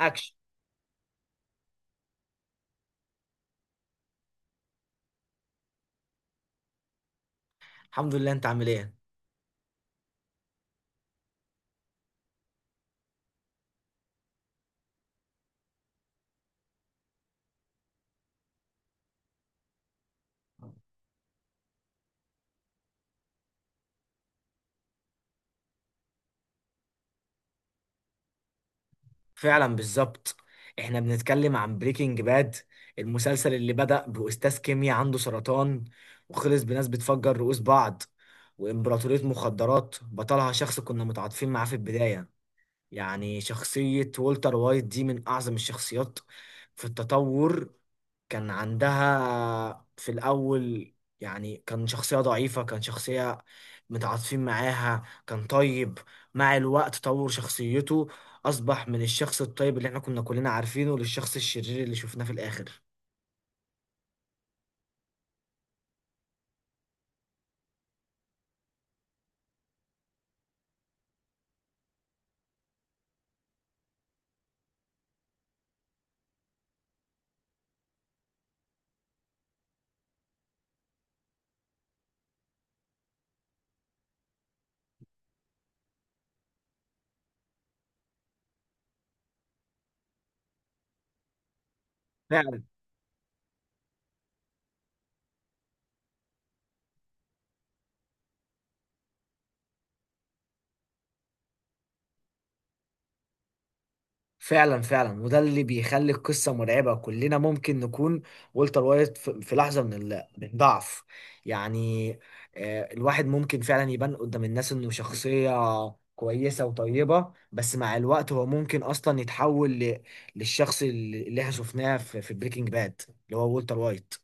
اكشن. الحمد لله، انت عامل ايه؟ فعلا بالظبط، احنا بنتكلم عن بريكنج باد، المسلسل اللي بدأ بأستاذ كيمياء عنده سرطان وخلص بناس بتفجر رؤوس بعض وإمبراطورية مخدرات بطلها شخص كنا متعاطفين معاه في البداية. يعني شخصية والتر وايت دي من أعظم الشخصيات في التطور. كان عندها في الأول، يعني كان شخصية ضعيفة، كان شخصية متعاطفين معاها، كان طيب. مع الوقت طور شخصيته، أصبح من الشخص الطيب اللي احنا كنا كلنا عارفينه للشخص الشرير اللي شفناه في الآخر. فعلا فعلا، وده اللي بيخلي القصه مرعبه. كلنا ممكن نكون والتر وايت في لحظه من من الضعف. يعني الواحد ممكن فعلا يبان قدام الناس انه شخصيه كويسه وطيبه، بس مع الوقت هو ممكن اصلا يتحول للشخص اللي احنا شفناه في بريكنج باد، اللي هو والتر وايت.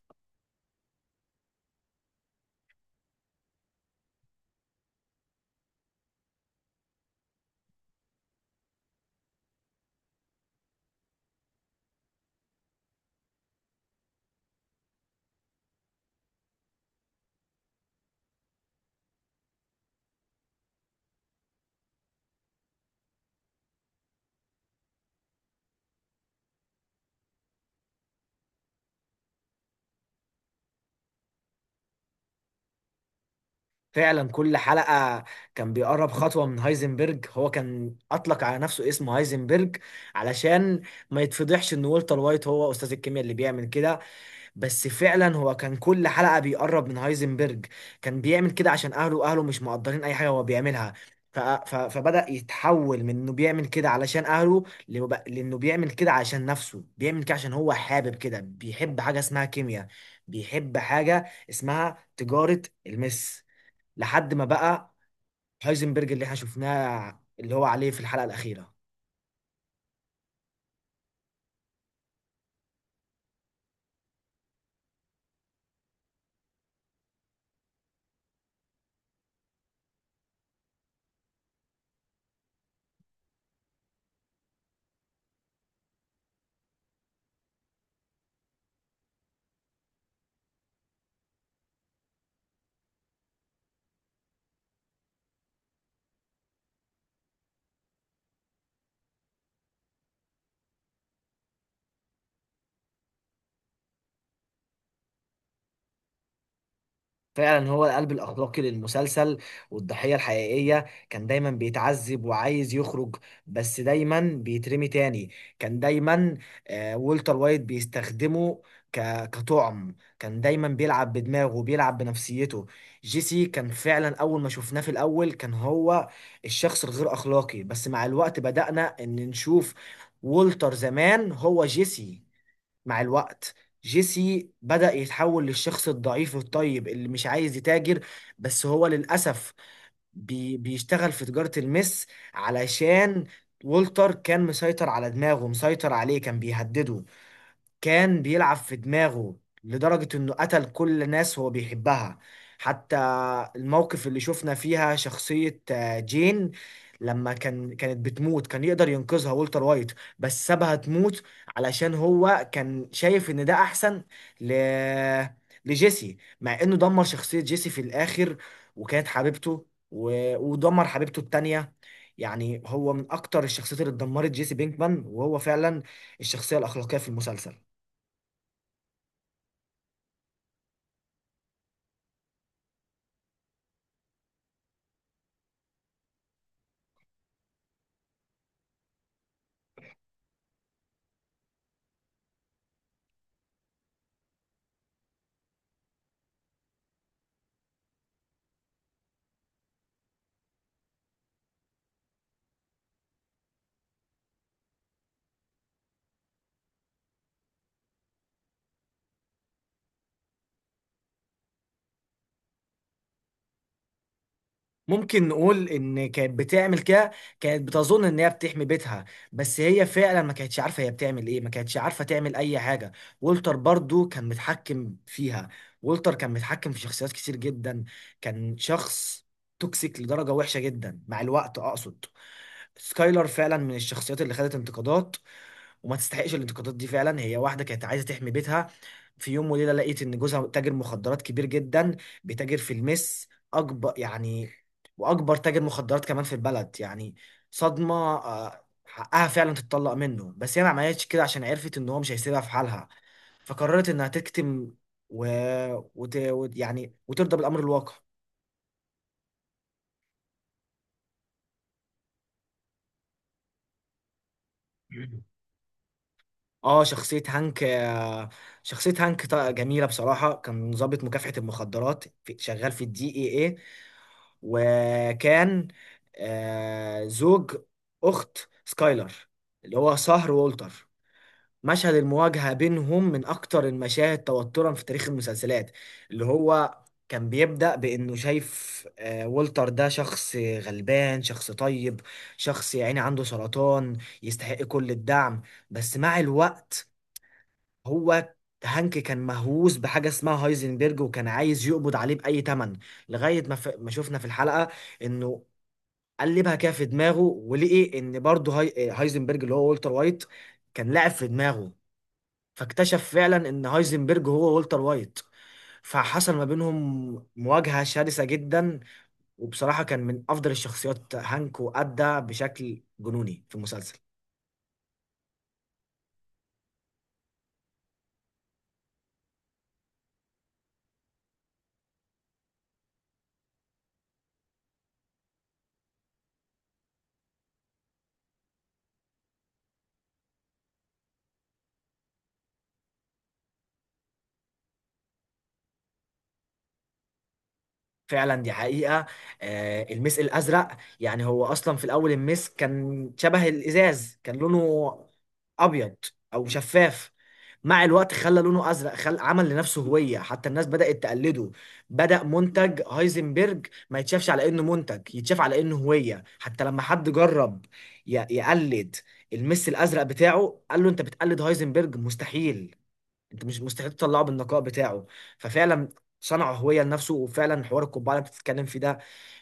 فعلا كل حلقة كان بيقرب خطوة من هايزنبرج. هو كان أطلق على نفسه اسم هايزنبرج علشان ما يتفضحش إن والتر وايت هو أستاذ الكيمياء اللي بيعمل كده. بس فعلا هو كان كل حلقة بيقرب من هايزنبرج. كان بيعمل كده عشان أهله. أهله مش مقدرين أي حاجة هو بيعملها. فبدأ يتحول من إنه بيعمل كده علشان أهله لإنه بيعمل كده عشان نفسه، بيعمل كده عشان هو حابب كده، بيحب حاجة اسمها كيمياء، بيحب حاجة اسمها تجارة المس، لحد ما بقى هايزنبرج اللي احنا شفناه اللي هو عليه في الحلقة الأخيرة. فعلا هو القلب الأخلاقي للمسلسل والضحية الحقيقية. كان دايما بيتعذب وعايز يخرج، بس دايما بيترمي تاني. كان دايما، والتر وايت بيستخدمه كطعم. كان دايما بيلعب بدماغه وبيلعب بنفسيته. جيسي كان فعلا أول ما شفناه في الأول كان هو الشخص الغير أخلاقي، بس مع الوقت بدأنا إن نشوف والتر زمان هو جيسي. مع الوقت جيسي بدأ يتحول للشخص الضعيف الطيب اللي مش عايز يتاجر، بس هو للأسف بيشتغل في تجارة المس علشان والتر كان مسيطر على دماغه، مسيطر عليه، كان بيهدده، كان بيلعب في دماغه لدرجة انه قتل كل الناس هو بيحبها. حتى الموقف اللي شفنا فيها شخصية جين، لما كانت بتموت كان يقدر ينقذها والتر وايت، بس سابها تموت علشان هو كان شايف ان ده احسن ل... لجيسي، مع انه دمر شخصية جيسي في الاخر وكانت حبيبته ودمر حبيبته التانية. يعني هو من اكتر الشخصيات اللي اتدمرت جيسي بينكمان، وهو فعلا الشخصية الأخلاقية في المسلسل. ممكن نقول ان كانت بتعمل كده، كانت بتظن ان هي بتحمي بيتها، بس هي فعلا ما كانتش عارفه هي بتعمل ايه، ما كانتش عارفه تعمل اي حاجه. وولتر برضو كان متحكم فيها، وولتر كان متحكم في شخصيات كتير جدا. كان شخص توكسيك لدرجه وحشه جدا مع الوقت، اقصد سكايلر فعلا من الشخصيات اللي خدت انتقادات وما تستحقش الانتقادات دي فعلا. هي واحده كانت عايزه تحمي بيتها، في يوم وليله لقيت ان جوزها تاجر مخدرات كبير جدا، بيتاجر في المس اكبر يعني، واكبر تاجر مخدرات كمان في البلد يعني. صدمه، حقها فعلا تتطلق منه، بس هي ما عملتش كده عشان عرفت ان هو مش هيسيبها في حالها، فقررت انها تكتم و... يعني وترضى بالامر الواقع. اه شخصية هانك. شخصية هانك جميلة بصراحة. كان ضابط مكافحة المخدرات شغال في الـ DEA، وكان زوج أخت سكايلر اللي هو سهر وولتر. مشهد المواجهة بينهم من أكتر المشاهد توترا في تاريخ المسلسلات. اللي هو كان بيبدأ بإنه شايف وولتر ده شخص غلبان، شخص طيب، شخص يعني عنده سرطان يستحق كل الدعم. بس مع الوقت هو هانك كان مهووس بحاجة اسمها هايزنبرج، وكان عايز يقبض عليه بأي تمن لغاية ما ما شفنا في الحلقة إنه قلبها كده في دماغه، ولقي إن برضه هايزنبرج اللي هو والتر وايت كان لاعب في دماغه، فاكتشف فعلا إن هايزنبرج هو والتر وايت. فحصل ما بينهم مواجهة شرسة جدا. وبصراحة كان من أفضل الشخصيات هانك، وأدى بشكل جنوني في المسلسل. فعلا دي حقيقة. المس الأزرق، يعني هو أصلا في الأول المس كان شبه الإزاز، كان لونه أبيض أو شفاف. مع الوقت خلى لونه أزرق، عمل لنفسه هوية، حتى الناس بدأت تقلده. بدأ منتج هايزنبرج ما يتشافش على إنه منتج، يتشاف على إنه هوية. حتى لما حد جرب يقلد المس الأزرق بتاعه، قال له أنت بتقلد هايزنبرج، مستحيل انت، مش مستحيل تطلعه بالنقاء بتاعه. ففعلا صنع هوية لنفسه. وفعلا حوار القبعة اللي بتتكلم فيه ده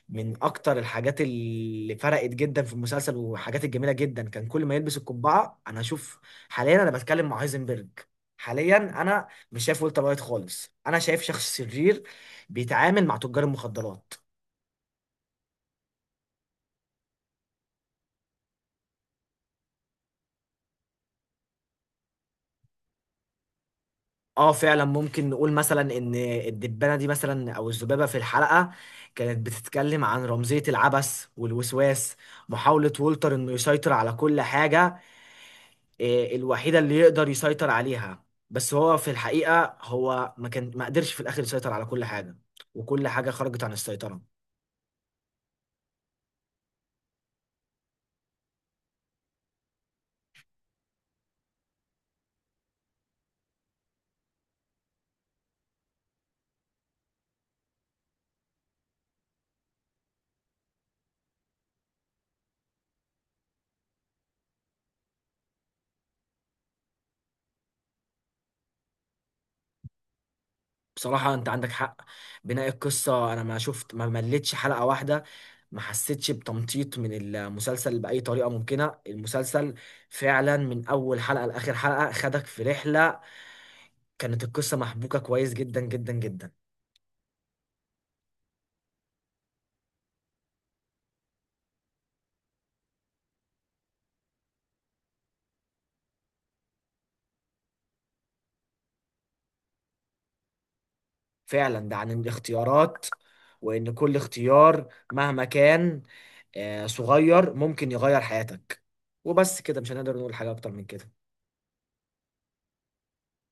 من أكتر الحاجات اللي فرقت جدا في المسلسل، وحاجات الجميلة جدا. كان كل ما يلبس القبعة أنا أشوف حاليا أنا بتكلم مع هايزنبرج، حاليا أنا مش شايف والتر وايت خالص، أنا شايف شخص شرير بيتعامل مع تجار المخدرات. اه فعلا، ممكن نقول مثلا ان الدبانه دي مثلا او الذبابه في الحلقه كانت بتتكلم عن رمزيه العبث والوسواس. محاوله وولتر انه يسيطر على كل حاجه، الوحيده اللي يقدر يسيطر عليها. بس هو في الحقيقه هو ما قدرش في الاخر يسيطر على كل حاجه، وكل حاجه خرجت عن السيطره. بصراحة انت عندك حق. بناء القصة، انا ما مليتش حلقة واحدة، ما حسيتش بتمطيط من المسلسل بأي طريقة ممكنة. المسلسل فعلا من اول حلقة لآخر حلقة خدك في رحلة. كانت القصة محبوكة كويس جدا جدا جدا. فعلا ده عن الاختيارات، وان كل اختيار مهما كان صغير ممكن يغير حياتك. وبس كده، مش هنقدر نقول حاجة اكتر من كده.